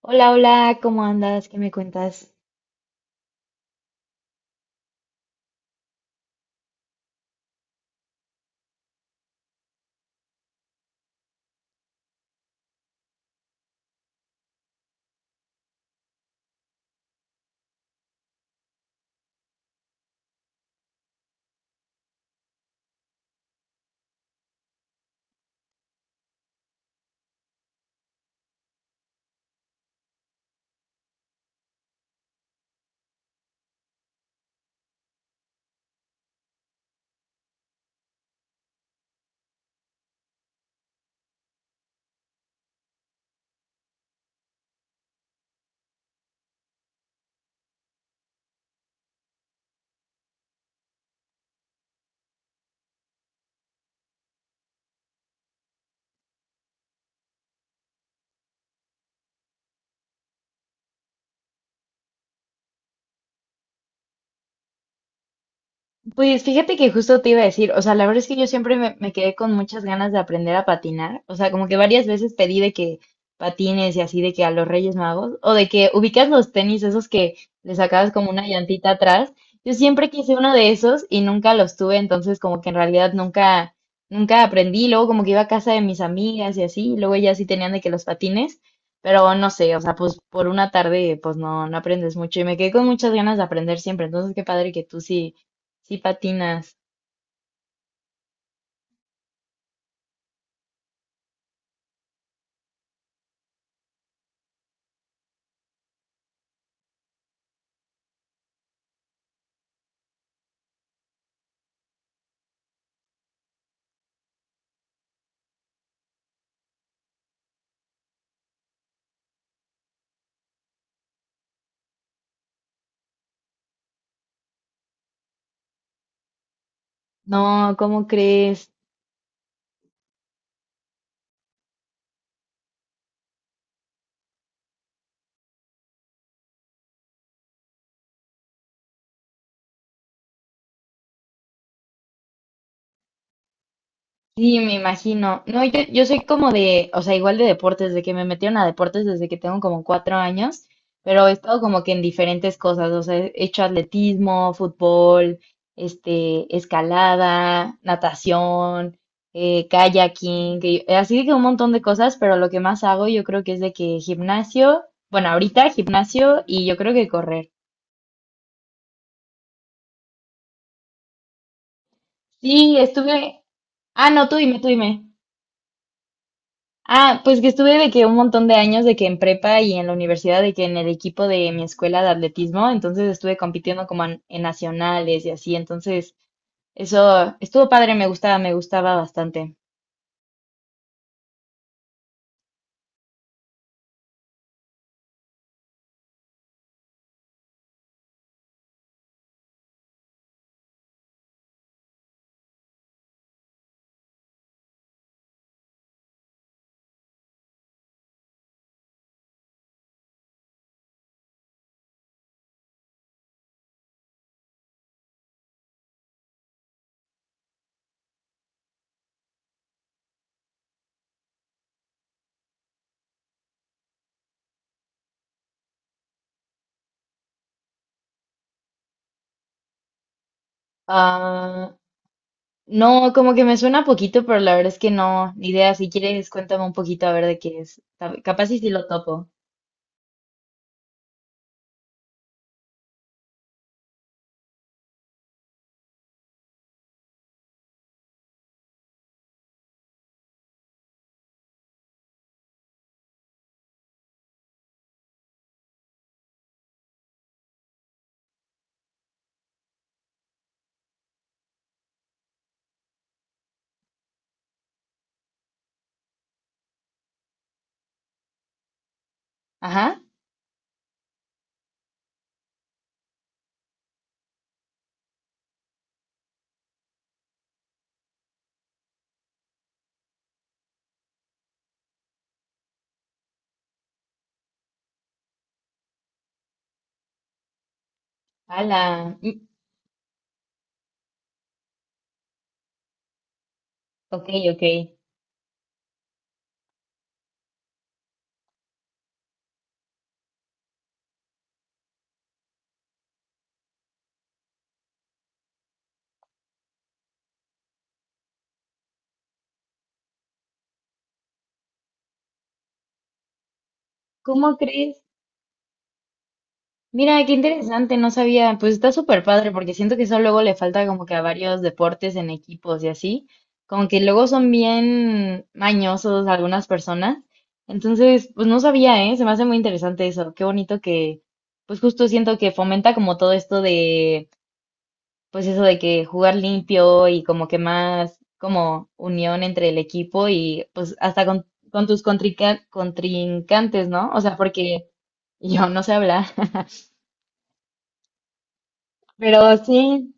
Hola, hola, ¿cómo andas? ¿Qué me cuentas? Pues fíjate que justo te iba a decir, o sea, la verdad es que yo siempre me quedé con muchas ganas de aprender a patinar. O sea, como que varias veces pedí de que patines y así de que a los Reyes Magos, o de que ubicas los tenis esos que le sacabas como una llantita atrás. Yo siempre quise uno de esos y nunca los tuve, entonces como que en realidad nunca aprendí. Luego como que iba a casa de mis amigas y así, y luego ellas sí tenían de que los patines, pero no sé. O sea, pues por una tarde pues no aprendes mucho y me quedé con muchas ganas de aprender siempre. Entonces qué padre que tú sí sí patinas. No, ¿cómo crees? Sí, me imagino. No, yo soy como de, o sea, igual de deportes, de que me metieron a deportes desde que tengo como 4 años, pero he estado como que en diferentes cosas. O sea, he hecho atletismo, fútbol, escalada, natación, kayaking, que- así de que un montón de cosas, pero lo que más hago yo creo que es de que gimnasio. Bueno, ahorita gimnasio y yo creo que correr. Sí, estuve, ah, no, tú dime, tú dime. Ah, pues que estuve de que un montón de años de que en prepa y en la universidad, de que en el equipo de mi escuela de atletismo. Entonces estuve compitiendo como en nacionales y así. Entonces eso estuvo padre, me gustaba bastante. Ah, no, como que me suena poquito, pero la verdad es que no, ni idea. Si quieres cuéntame un poquito a ver de qué es. Cap- capaz y si lo topo. Ajá, ala, mm, ok, ok. ¿Cómo crees? Mira, qué interesante, no sabía. Pues está súper padre porque siento que eso luego le falta como que a varios deportes en equipos y así, como que luego son bien mañosos algunas personas. Entonces pues no sabía, ¿eh? Se me hace muy interesante eso. Qué bonito que pues justo siento que fomenta como todo esto de pues eso de que jugar limpio y como que más como unión entre el equipo y pues hasta con tus contrinca- contrincantes, ¿no? O sea, porque yo no sé hablar. Pero sí,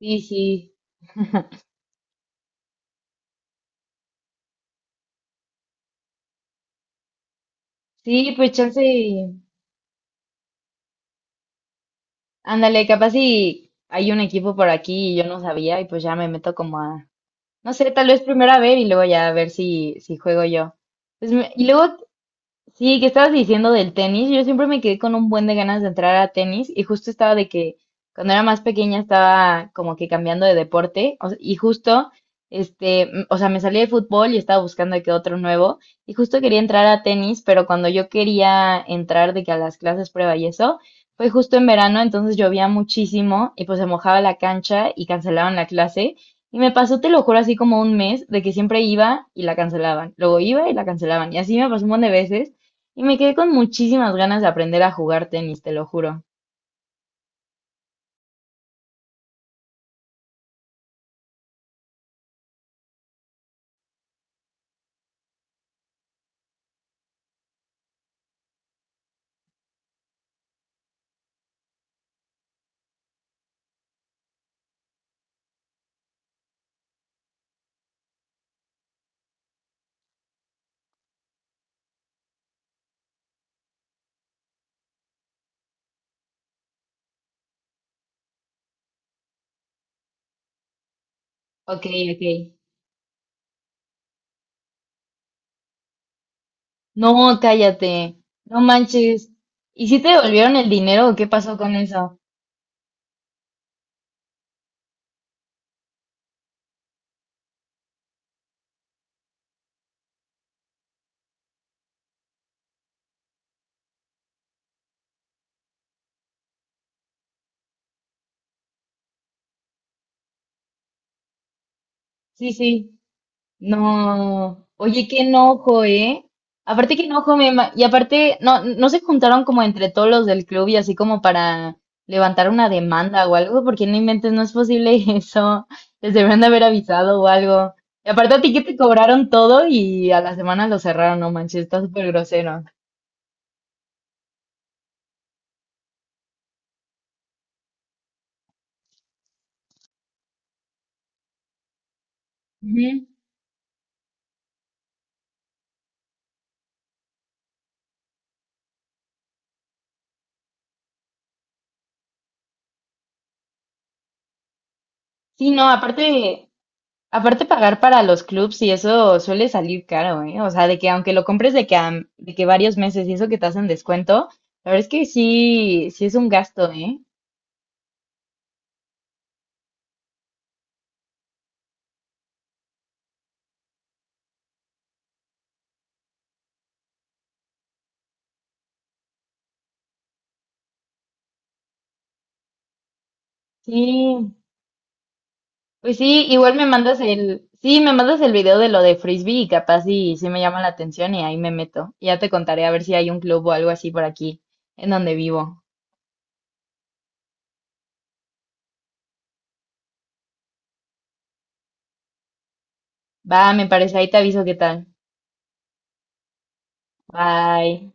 sí, sí. Sí, pues chance, y- ándale, capaz si hay un equipo por aquí y yo no sabía y pues ya me meto como a, no sé. Tal vez primero a ver y luego ya a ver si, si juego yo. Pues me- y luego sí, que estabas diciendo del tenis. Yo siempre me quedé con un buen de ganas de entrar a tenis y justo estaba de que cuando era más pequeña estaba como que cambiando de deporte. O sea, y justo, o sea, me salí de fútbol y estaba buscando de que otro nuevo y justo quería entrar a tenis, pero cuando yo quería entrar de que a las clases prueba y eso, fue justo en verano. Entonces llovía muchísimo y pues se mojaba la cancha y cancelaron la clase. Y me pasó, te lo juro, así como un mes de que siempre iba y la cancelaban, luego iba y la cancelaban. Y así me pasó un montón de veces. Y me quedé con muchísimas ganas de aprender a jugar tenis, te lo juro. Ok, ok. No, cállate. No manches. ¿Y si te devolvieron el dinero o qué pasó con eso? Sí, sí. No, oye, qué enojo, ¿eh? Aparte, qué enojo, me ima- y aparte, no se juntaron como entre todos los del club y así como para levantar una demanda o algo, porque no inventes, no es posible eso. Les deberían de haber avisado o algo. Y aparte a ti que te cobraron todo y a la semana lo cerraron, no manches, está súper grosero. Ujú. Sí, no, aparte. Aparte pagar para los clubs y eso suele salir caro, ¿eh? O sea, de que aunque lo compres de que, a- de que varios meses y eso que te hacen descuento, la verdad es que sí es un gasto, ¿eh? Sí, pues sí, igual me mandas el, sí, me mandas el video de lo de Frisbee y capaz sí me llama la atención y ahí me meto. Y ya te contaré a ver si hay un club o algo así por aquí, en donde vivo. Va, me parece, ahí te aviso qué tal. Bye.